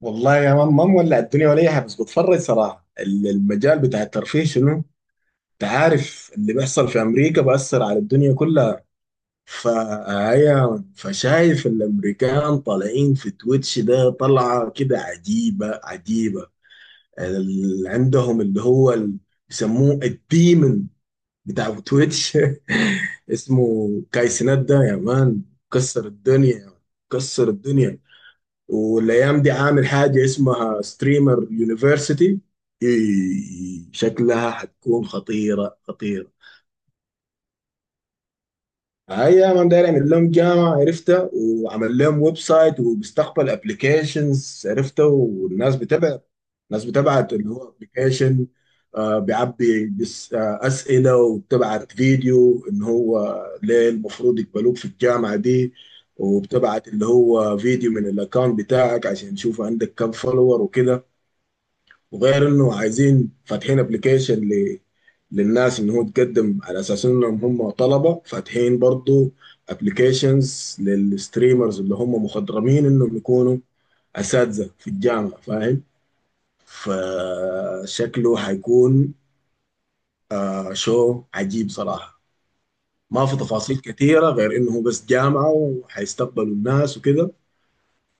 والله يا مان ما مولع الدنيا ولا اي حاجه، بس بتفرج صراحه. المجال بتاع الترفيه شنو؟ انت عارف اللي بيحصل في امريكا بأثر على الدنيا كلها. فهي فشايف الامريكان طالعين في تويتش، ده طلعه كده عجيبه عجيبه. اللي عندهم اللي هو بيسموه الديمن بتاع تويتش. اسمه كايسنات ده يا مان، كسر الدنيا، كسر الدنيا. والايام دي عامل حاجه اسمها ستريمر يونيفرسيتي، شكلها حتكون خطيره خطيره. هاي انا داير اعمل لهم جامعه، عرفتها، وعمل لهم ويب سايت وبيستقبل ابلكيشنز، عرفتها، والناس بتبعت. الناس بتبعت اللي هو ابلكيشن، بيعبي بس اسئله، وبتبعت فيديو ان هو ليه المفروض يقبلوك في الجامعه دي. وبتبعت اللي هو فيديو من الاكونت بتاعك عشان يشوف عندك كم فولور وكده. وغير انه عايزين فاتحين ابلكيشن للناس ان هو تقدم على اساس انهم هم طلبه، فاتحين برضو ابلكيشنز للستريمرز اللي هم مخضرمين انهم يكونوا اساتذه في الجامعه، فاهم. فشكله حيكون، شو عجيب صراحه. ما في تفاصيل كثيره، غير انه هو بس جامعه وحيستقبلوا الناس وكده.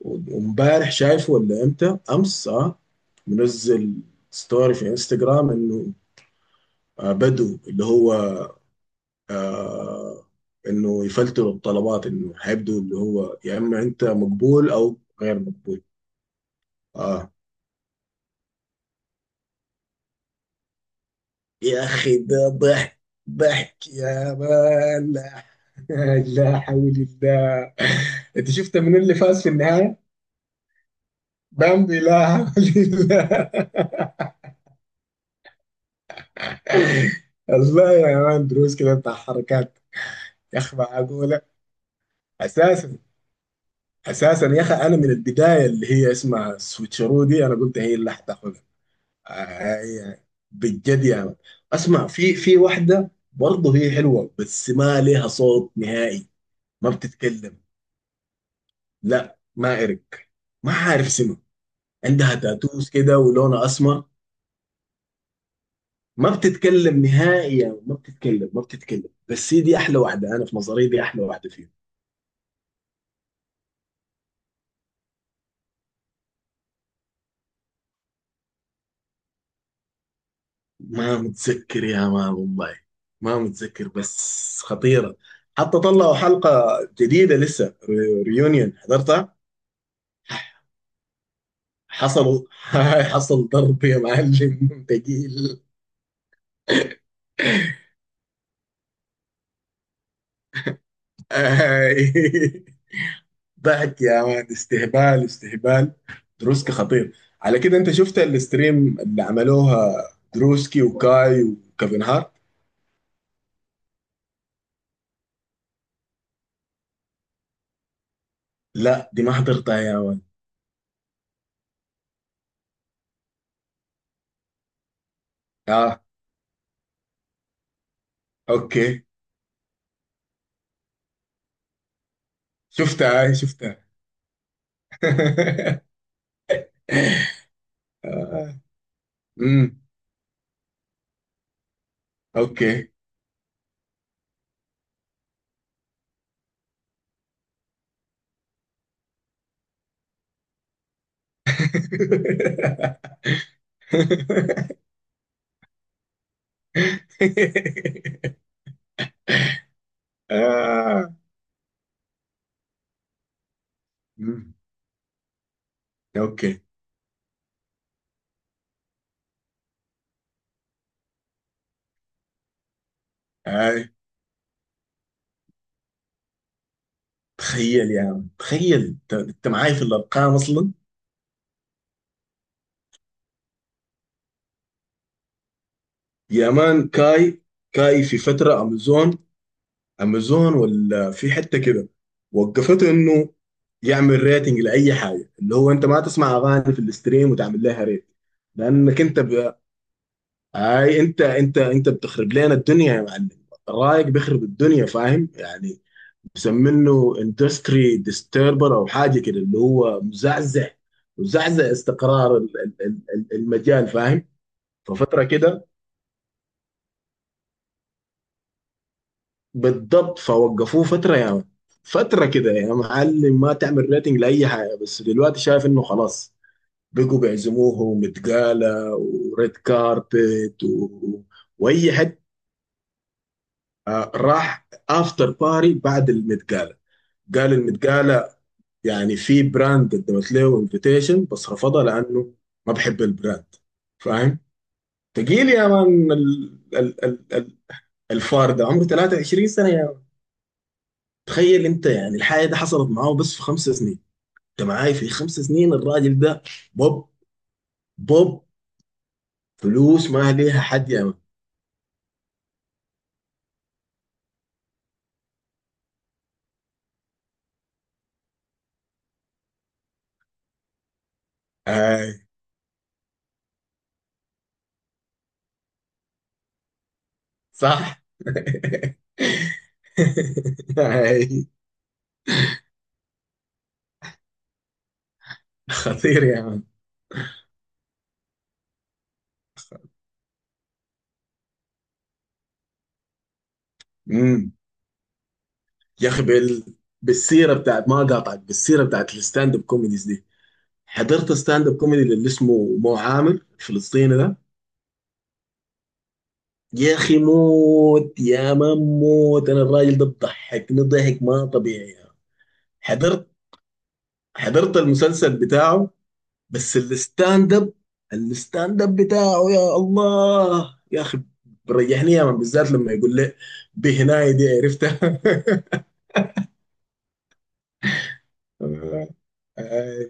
وامبارح شايفه، ولا امتى، امس، اه، منزل ستوري في انستغرام انه بدو اللي هو، آه، انه يفلتروا الطلبات، انه هيبدو اللي هو يا اما انت مقبول او غير مقبول. اه، يا اخي ده ضحك، ضحك يا مان، لا. لا حول الله. انت شفت من اللي فاز في النهايه؟ بامبي، لا حول الله. الله يا مان، دروس كده بتاع حركات. يا اخي معقوله. اساسا، اساسا يا اخي، انا من البدايه اللي هي اسمها سويتشرو دي انا قلت هي اللي هتاخذها. هي بجد يعني. اسمع، في واحده برضه هي حلوه بس ما لها صوت نهائي، ما بتتكلم. لا، ما ارك، ما عارف اسمها. عندها تاتوز كده ولونها اسمر. ما بتتكلم نهائي، يعني ما بتتكلم، ما بتتكلم، بس هي دي احلى واحده، انا في نظري دي احلى واحده فيهم. ما متذكر يا مان والله، ما متذكر، بس خطيرة. حتى طلعوا حلقة جديدة لسه. ريونيون حضرتها. حصلوا. حصل ضرب يا معلم، ثقيل. آي. ضحك يا مان، استهبال، استهبال. دروسكي خطير. على كده انت شفت الستريم اللي عملوها دروسكي وكاي وكيفن هارت؟ لا، دي ما حضرتها يا مان. اه، اوكي. شفتها، هاي شفتها. آه. امم. اوكي. آه. مم. اوكي. آه. تخيل يا عم، تخيل انت معاي في الارقام اصلا. يا مان كاي، كاي في فتره امازون، امازون ولا في حته كده، وقفته انه يعمل ريتنج لاي حاجه. اللي هو انت ما تسمع اغاني في الاستريم وتعمل لها ريت. لانك انت، اي انت بتخرب لنا الدنيا يا معلم. الرايق بيخرب الدنيا، فاهم يعني. مسمينه اندستري ديستربر او حاجه كده، اللي هو مزعزع استقرار المجال، فاهم. ففتره كده بالضبط، فوقفوه فتره يا يعني، فتره كده يا معلم، ما تعمل ريتنج لاي حاجه، بس دلوقتي شايف انه خلاص بقوا بيعزموه، ومتقاله، وريد كاربت واي حته. راح افتر باري بعد المتقالة. قال المتقالة، يعني في براند قدمت له انفيتيشن بس رفضها لانه ما بحب البراند، فاهم. تقيل يا مان. ال ال ال ال الفار ده عمره 23 سنة يا مان. تخيل انت يعني، الحاجة دي حصلت معاه بس في 5 سنين، انت معاي، في 5 سنين الراجل ده بوب، بوب، فلوس ما ليها حد يا مان. آي. صح. آي. خطير يا مان. مم. يا اخي بالسيره بتاعت، ما قاطعك، بالسيره بتاعت الستاند اب كوميديز دي، حضرت ستاند اب كوميدي اللي اسمه مو عامر الفلسطيني ده. يا اخي موت، يا ما موت، انا الراجل ده بضحكني ضحك ما طبيعي يا. حضرت حضرت المسلسل بتاعه. بس الستاند اب، بتاعه يا الله يا اخي، بريحني يا من، بالذات لما يقول لي بهناي دي، عرفتها. آه،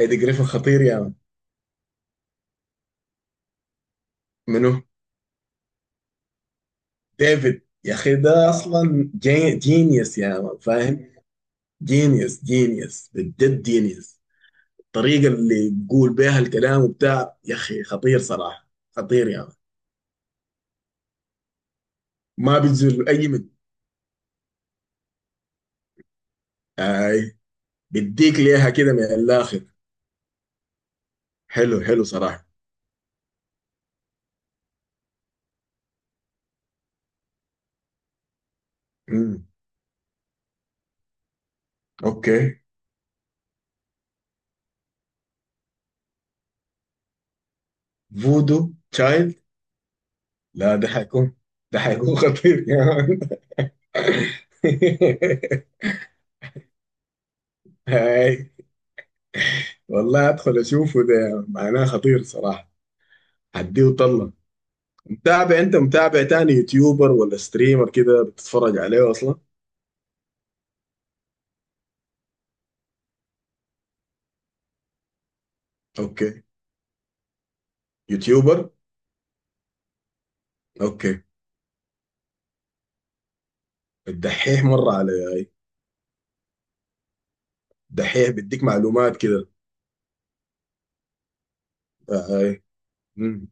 ايدي جريفن خطير يا من. منو. ديفيد، يا اخي ده اصلا جينيوس يا مان، فاهم. جينيوس، جينيوس، بجد جينيوس. الطريقه اللي بيقول بيها الكلام وبتاع، يا اخي خطير صراحه. خطير يا مان. ما بيتزل اي من، اي، بديك ليها كده من الاخر. حلو، حلو صراحه. امم. اوكي. فودو تشايلد. لا، ده حيكون خطير يا مان. هاي، والله ادخل اشوفه، ده معناه خطير صراحه، هديه طله. متابع انت، متابع تاني يوتيوبر ولا ستريمر كده بتتفرج عليه اصلا؟ اوكي. يوتيوبر. اوكي. الدحيح، مره علي، اي. الدحيح بيديك معلومات كده. اي. مم.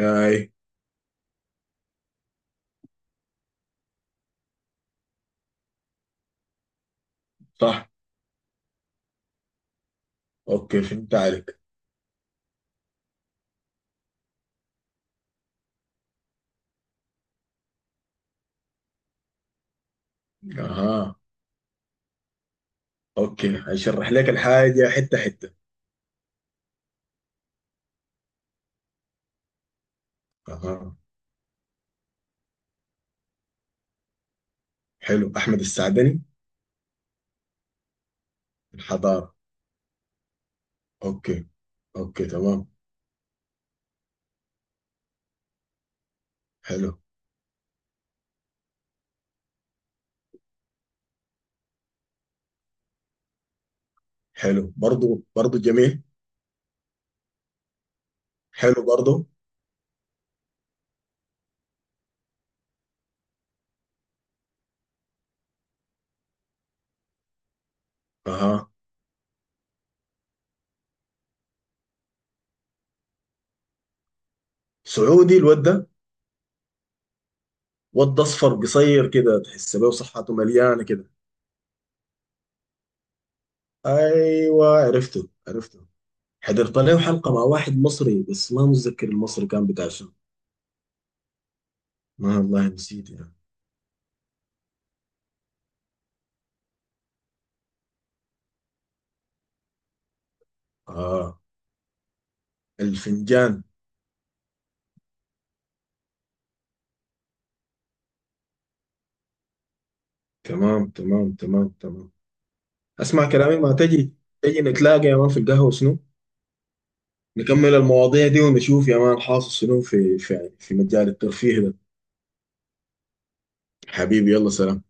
اي. صح. اوكي، فهمت عليك. اها. اوكي، هشرح لك الحاجه حته حته. اها. حلو احمد السعدني. الحضاره. اوكي، اوكي تمام. حلو. حلو برضو، برضو جميل. حلو برضو. اها، سعودي الواد ده. واد اصفر قصير كده تحس بيه، وصحته مليانه كده. ايوه عرفته، عرفته. حضرت له حلقه مع واحد مصري، بس ما متذكر المصري كان بتاع شنو. ما والله نسيت يعني. اه الفنجان. تمام تمام تمام تمام. اسمع كلامي، ما تجي، تجي نتلاقى يا مان في القهوه شنو، نكمل المواضيع دي ونشوف يا مان حاصل شنو في مجال الترفيه ده. حبيبي، يلا، سلام.